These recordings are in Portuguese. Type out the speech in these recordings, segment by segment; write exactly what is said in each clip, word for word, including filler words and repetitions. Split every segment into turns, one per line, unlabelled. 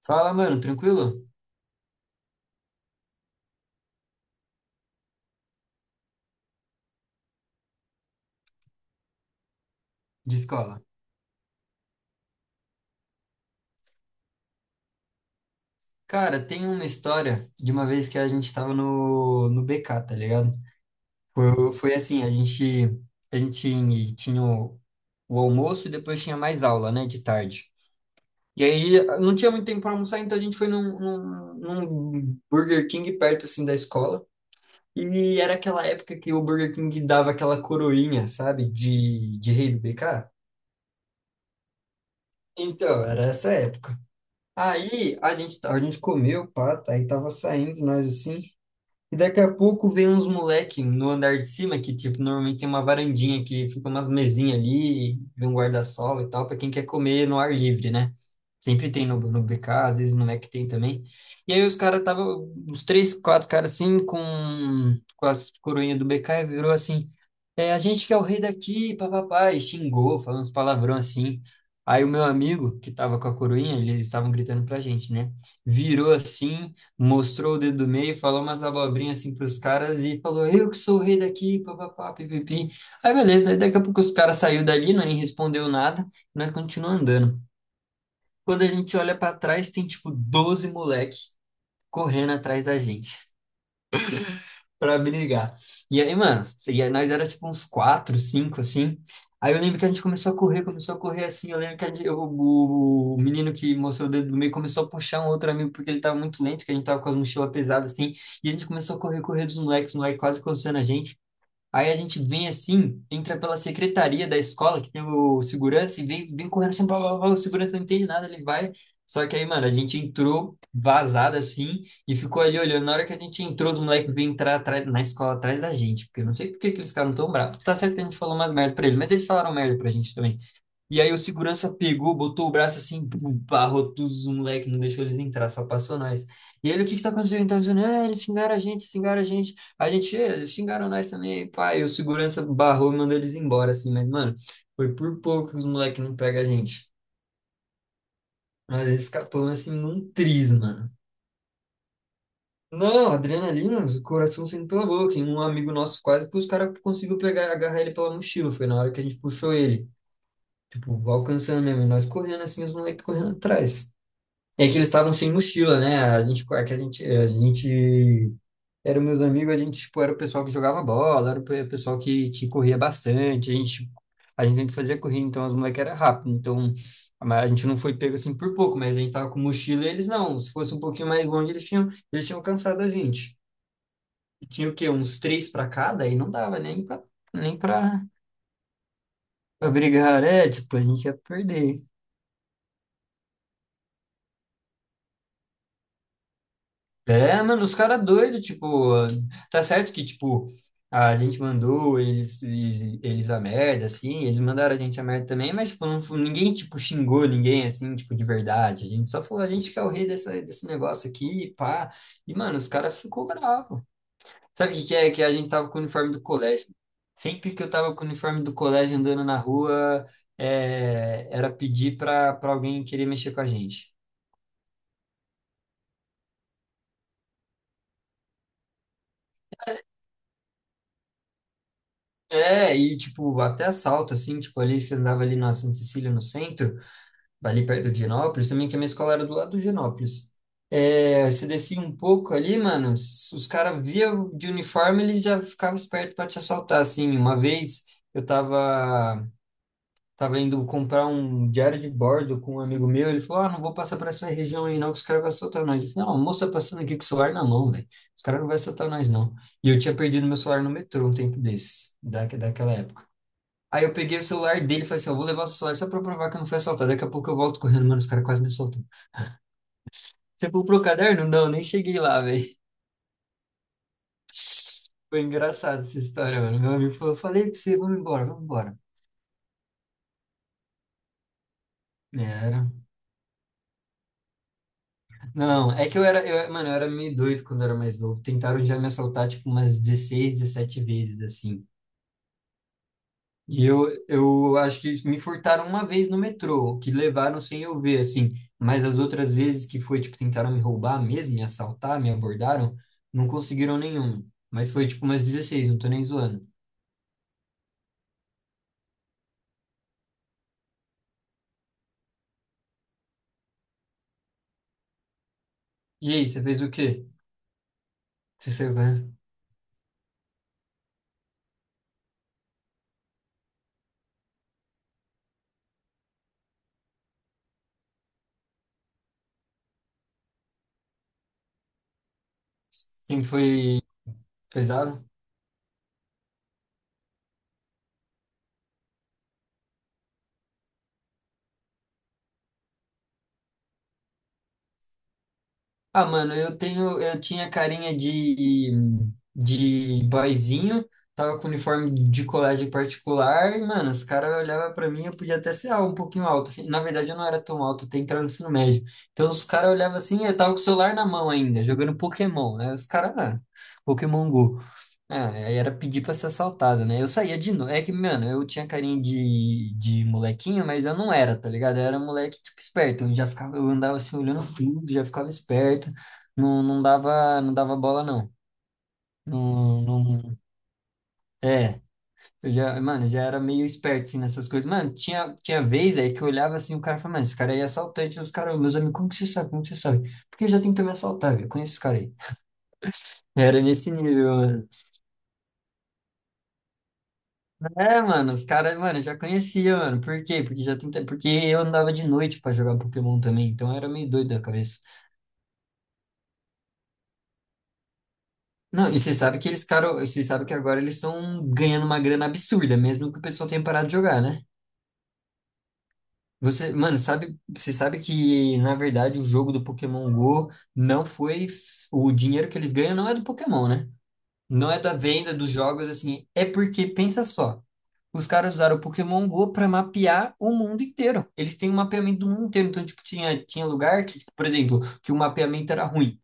Fala, mano, tranquilo? De escola. Cara, tem uma história de uma vez que a gente tava no, no B K, tá ligado? Foi, foi assim, a gente, a gente tinha o, o almoço e depois tinha mais aula, né, de tarde. E aí não tinha muito tempo pra almoçar, então a gente foi num, num, num Burger King perto, assim, da escola. E era aquela época que o Burger King dava aquela coroinha, sabe, de, de rei do B K. Então, era essa época. Aí a gente, a gente comeu, pá, tá, aí tava saindo nós assim. E daqui a pouco vem uns moleque no andar de cima, que, tipo, normalmente tem uma varandinha que fica umas mesinhas ali, vem um guarda-sol e tal, para quem quer comer no ar livre, né? Sempre tem no, no B K, às vezes no Mac tem também. E aí os caras estavam, uns três, quatro caras assim, com, com as coroinhas do B K, e virou assim, é, a gente que é o rei daqui, papapá, e xingou, falou uns palavrão assim. Aí o meu amigo, que tava com a coroinha, ele- eles estavam gritando pra gente, né? Virou assim, mostrou o dedo do meio, falou umas abobrinhas assim pros caras e falou, eu que sou o rei daqui, papapá, pipipi. Aí beleza, aí daqui a pouco os caras saiu dali, nem respondeu nada, e nós continuamos andando. Quando a gente olha pra trás, tem tipo doze moleque correndo atrás da gente pra brigar. E aí, mano, e aí nós era tipo uns quatro, cinco, assim. Aí eu lembro que a gente começou a correr, começou a correr assim. Eu lembro que a gente- eu- o, o menino que mostrou o dedo do meio começou a puxar um outro amigo porque ele tava muito lento, que a gente tava com as mochilas pesadas assim. E a gente começou a correr, correr dos moleques, os moleques quase coçando a gente. Aí a gente vem assim, entra pela secretaria da escola, que tem o segurança, e vem, vem correndo assim, blá, blá, blá, o segurança não entende nada, ele vai. Só que aí, mano, a gente entrou vazado assim e ficou ali olhando. Na hora que a gente entrou, os moleques vêm entrar atrás- na escola atrás da gente, porque eu não sei por que que eles ficaram tão bravos. Tá certo que a gente falou umas merda pra eles, mas eles falaram merda pra gente também. E aí o segurança pegou, botou o braço assim, pum, barrou todos os moleques, não deixou eles entrar, só passou nós. E ele, o que que tá acontecendo? Então, dizendo, ah, eles xingaram a gente, xingaram a gente. A gente eh, xingaram nós também, pai. O segurança barrou e mandou eles embora, assim, mas, mano, foi por pouco que os moleques não pegam a gente. Mas eles escapamos, assim, num tris, mano. Não, adrenalina, o coração saindo pela boca. E um amigo nosso quase que os caras conseguiu pegar, agarrar ele pela mochila. Foi na hora que a gente puxou ele. Tipo, alcançando mesmo. E nós correndo assim, os moleques correndo atrás. É que eles estavam sem mochila, né? A gente, é que a gente, é, a gente era meus amigos, a gente, tipo, era o pessoal que jogava bola, era o pe- pessoal que, que corria bastante, a gente, a gente sempre fazia corrida, então as moleques eram rápidas, então a ma- a gente não foi pego assim por pouco, mas a gente tava com mochila e eles não, se fosse um pouquinho mais longe eles tinham, eles tinham, cansado a gente. E tinha o quê? Uns três pra cada, e não dava nem pra, nem pra, pra brigar, é, tipo, a gente ia perder. É, mano, os caras doidos, tipo, tá certo que, tipo, a gente mandou eles, eles, eles a merda, assim, eles mandaram a gente a merda também, mas, tipo, não, fu- ninguém, tipo, xingou ninguém, assim, tipo, de verdade. A gente só falou, a gente que é o rei dessa, desse negócio aqui, pá. E, mano, os caras ficou bravo. Sabe o que que é? Que a gente tava com o uniforme do colégio. Sempre que eu tava com o uniforme do colégio andando na rua, é, era pedir pra, pra alguém querer mexer com a gente. É, e tipo, até assalto, assim, tipo, ali você andava ali na Santa Cecília no centro, ali perto de Genópolis, também que a minha escola era do lado de Genópolis. É, você descia um pouco ali, mano, s- os caras via de uniforme, eles já ficavam espertos pra te assaltar, assim. Uma vez eu tava, tava indo comprar um diário de bordo com um amigo meu, ele falou, ah, não vou passar por essa região aí não, que os caras vão assaltar nós. Eu falei, não, a moça tá passando aqui com o celular na mão, velho, os caras não vão assaltar nós não. E eu tinha perdido meu celular no metrô um tempo desse da, daquela época. Aí eu peguei o celular dele e falei assim, eu vou levar o celular só pra provar que eu não fui assaltado. Daqui a pouco eu volto correndo, mano, os caras quase me assaltam. Você comprou o caderno? Não, nem cheguei lá, velho. Foi engraçado essa história, mano. Meu amigo falou, falei pra você, vamos embora, vamos embora. Era. Não, é que eu era, eu, mano, eu era meio doido quando eu era mais novo. Tentaram já me assaltar, tipo, umas dezesseis, dezessete vezes, assim. E eu, eu acho que me furtaram uma vez no metrô, que levaram sem eu ver, assim. Mas as outras vezes que foi, tipo, tentaram me roubar mesmo, me assaltar, me abordaram, não conseguiram nenhuma. Mas foi, tipo, umas dezesseis, não tô nem zoando. E aí, você fez o quê? Você saiu correndo? Sempre foi pesado? Ah, mano, eu tenho, eu tinha carinha de, de, boyzinho, tava com uniforme de colégio particular, e, mano, os caras olhavam pra mim, eu podia até ser ah, um pouquinho alto, assim. Na verdade, eu não era tão alto, eu tenho entrado no ensino médio. Então, os caras olhavam assim, eu tava com o celular na mão ainda, jogando Pokémon, né? Os caras, ah, Pokémon Go. Ah, aí era pedir pra ser assaltado, né? Eu saía de noite. É que, mano, eu tinha carinho de, de molequinho, mas eu não era, tá ligado? Eu era moleque, tipo, esperto. Eu já ficava, eu andava assim, olhando tudo, já ficava esperto. Não, não dava, não dava bola, não. Não, não... É, eu já, mano, já era meio esperto, assim, nessas coisas. Mano, tinha, tinha vez aí que eu olhava assim, o cara falava, mano, esse cara aí é assaltante. Os caras, meus amigos, como que você sabe? Como que você sabe? Porque já tentou me assaltar, velho. Eu Conheço esse cara aí. Era nesse nível, mano. É, mano, os caras, mano, eu já conhecia, mano. Por quê? Porque já tenta... porque eu andava de noite pra jogar Pokémon também, então era meio doido da cabeça. Não, e você sabe que eles, cara, você sabe que agora eles estão ganhando uma grana absurda, mesmo que o pessoal tenha parado de jogar, né? Você, mano, sabe, você sabe que na verdade o jogo do Pokémon Go não foi f- o dinheiro que eles ganham não é do Pokémon, né? Não é da venda dos jogos assim, é porque pensa só. Os caras usaram o Pokémon Go para mapear o mundo inteiro. Eles têm um mapeamento do mundo inteiro. Então, tipo, tinha, tinha lugar que, tipo, por exemplo, que o mapeamento era ruim.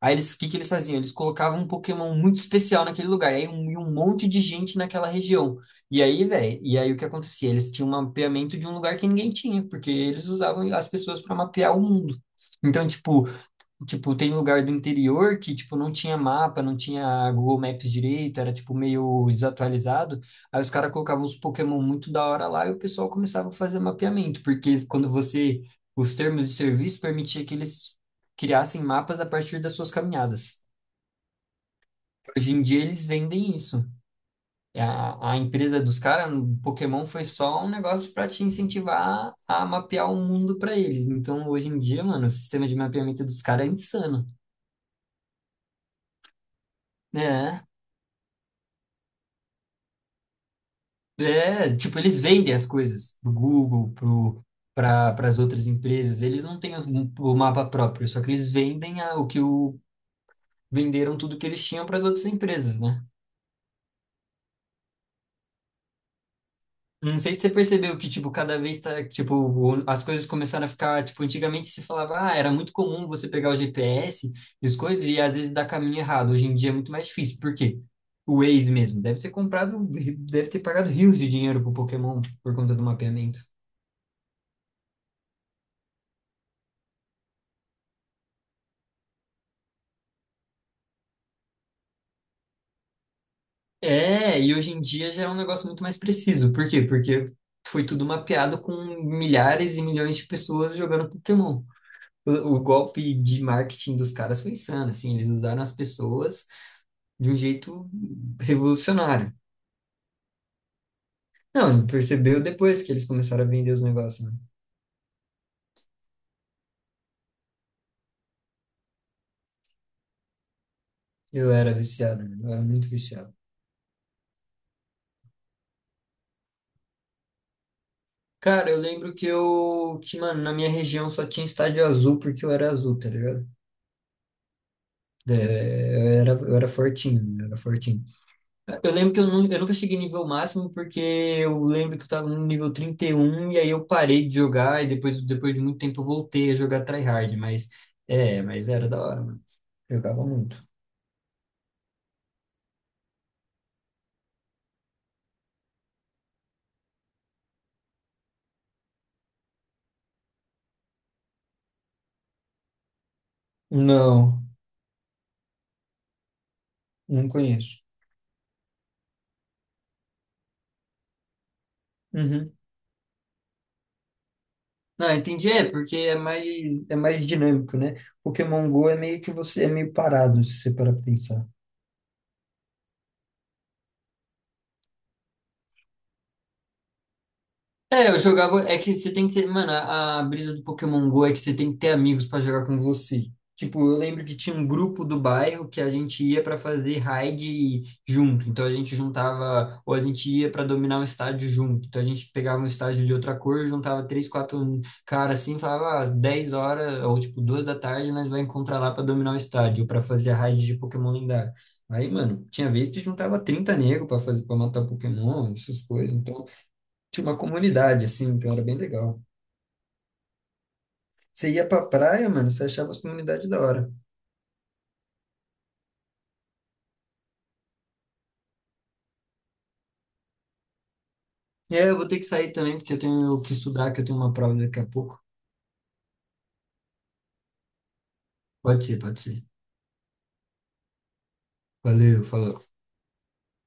Aí eles, o que que eles faziam? Eles colocavam um Pokémon muito especial naquele lugar, aí um, e um monte de gente naquela região. E aí, velho, e aí o que acontecia? Eles tinham um mapeamento de um lugar que ninguém tinha, porque eles usavam as pessoas para mapear o mundo. Então, tipo, Tipo, tem lugar do interior que, tipo, não tinha mapa, não tinha Google Maps direito, era, tipo, meio desatualizado. Aí os caras colocavam os Pokémon muito da hora lá e o pessoal começava a fazer mapeamento, porque quando você... Os termos de serviço permitia que eles criassem mapas a partir das suas caminhadas. Hoje em dia eles vendem isso. A, a empresa dos caras, o Pokémon foi só um negócio para te incentivar a mapear o mundo para eles. Então, hoje em dia, mano, o sistema de mapeamento dos caras é insano. Né? É, tipo, eles vendem as coisas pro Google, pro, para as outras empresas. Eles não têm o, o mapa próprio, só que eles vendem a- o que o, venderam tudo que eles tinham para as outras empresas, né? Não sei se você percebeu que, tipo, cada vez tá, tipo, o- as coisas começaram a ficar, tipo, antigamente se falava, ah, era muito comum você pegar o G P S e as coisas e às vezes dar caminho errado. Hoje em dia é muito mais difícil. Por quê? O Waze mesmo deve ter comprado, deve ter pagado rios de dinheiro pro Pokémon por conta do mapeamento. É, e hoje em dia já é um negócio muito mais preciso. Por quê? Porque foi tudo mapeado com milhares e milhões de pessoas jogando Pokémon. O, o golpe de marketing dos caras foi insano, assim, eles usaram as pessoas de um jeito revolucionário. Não, percebeu depois que eles começaram a vender os negócios, né? Eu era viciado, mano, eu era muito viciado. Cara, eu lembro que eu, que, mano, na minha região só tinha estádio azul porque eu era azul, tá ligado? É, eu era, eu era, fortinho, eu era fortinho. Eu lembro que eu, nu- eu nunca cheguei no nível máximo, porque eu lembro que eu tava no nível trinta e um e um, e aí eu parei de jogar e depois, depois de muito tempo eu voltei a jogar tryhard, mas é, mas era da hora, mano. Jogava muito. Não, não conheço. Uhum. Não, entendi, é porque é mais é mais dinâmico, né? Pokémon Go é meio que você é meio parado se você parar pra pensar. É, eu jogava. É que você tem que ter. Mano, a, a brisa do Pokémon Go é que você tem que ter amigos pra jogar com você. Tipo, eu lembro que tinha um grupo do bairro que a gente ia pra fazer raid junto. Então a gente juntava. Ou a gente ia pra dominar um estádio junto. Então a gente pegava um estádio de outra cor, juntava três, quatro caras assim, falava, ah, dez horas, ou tipo, duas da tarde, nós vai encontrar lá pra dominar o estádio, ou pra fazer a raid de Pokémon lendário. Aí, mano, tinha vez que juntava trinta negros pra fazer, para matar Pokémon, essas coisas. Então. Tinha uma comunidade, assim, então era bem legal. Você ia pra praia, mano, você achava as comunidades da hora. É, eu vou ter que sair também, porque eu tenho que estudar, que eu tenho uma prova daqui a pouco. Pode ser, pode ser. Valeu, falou.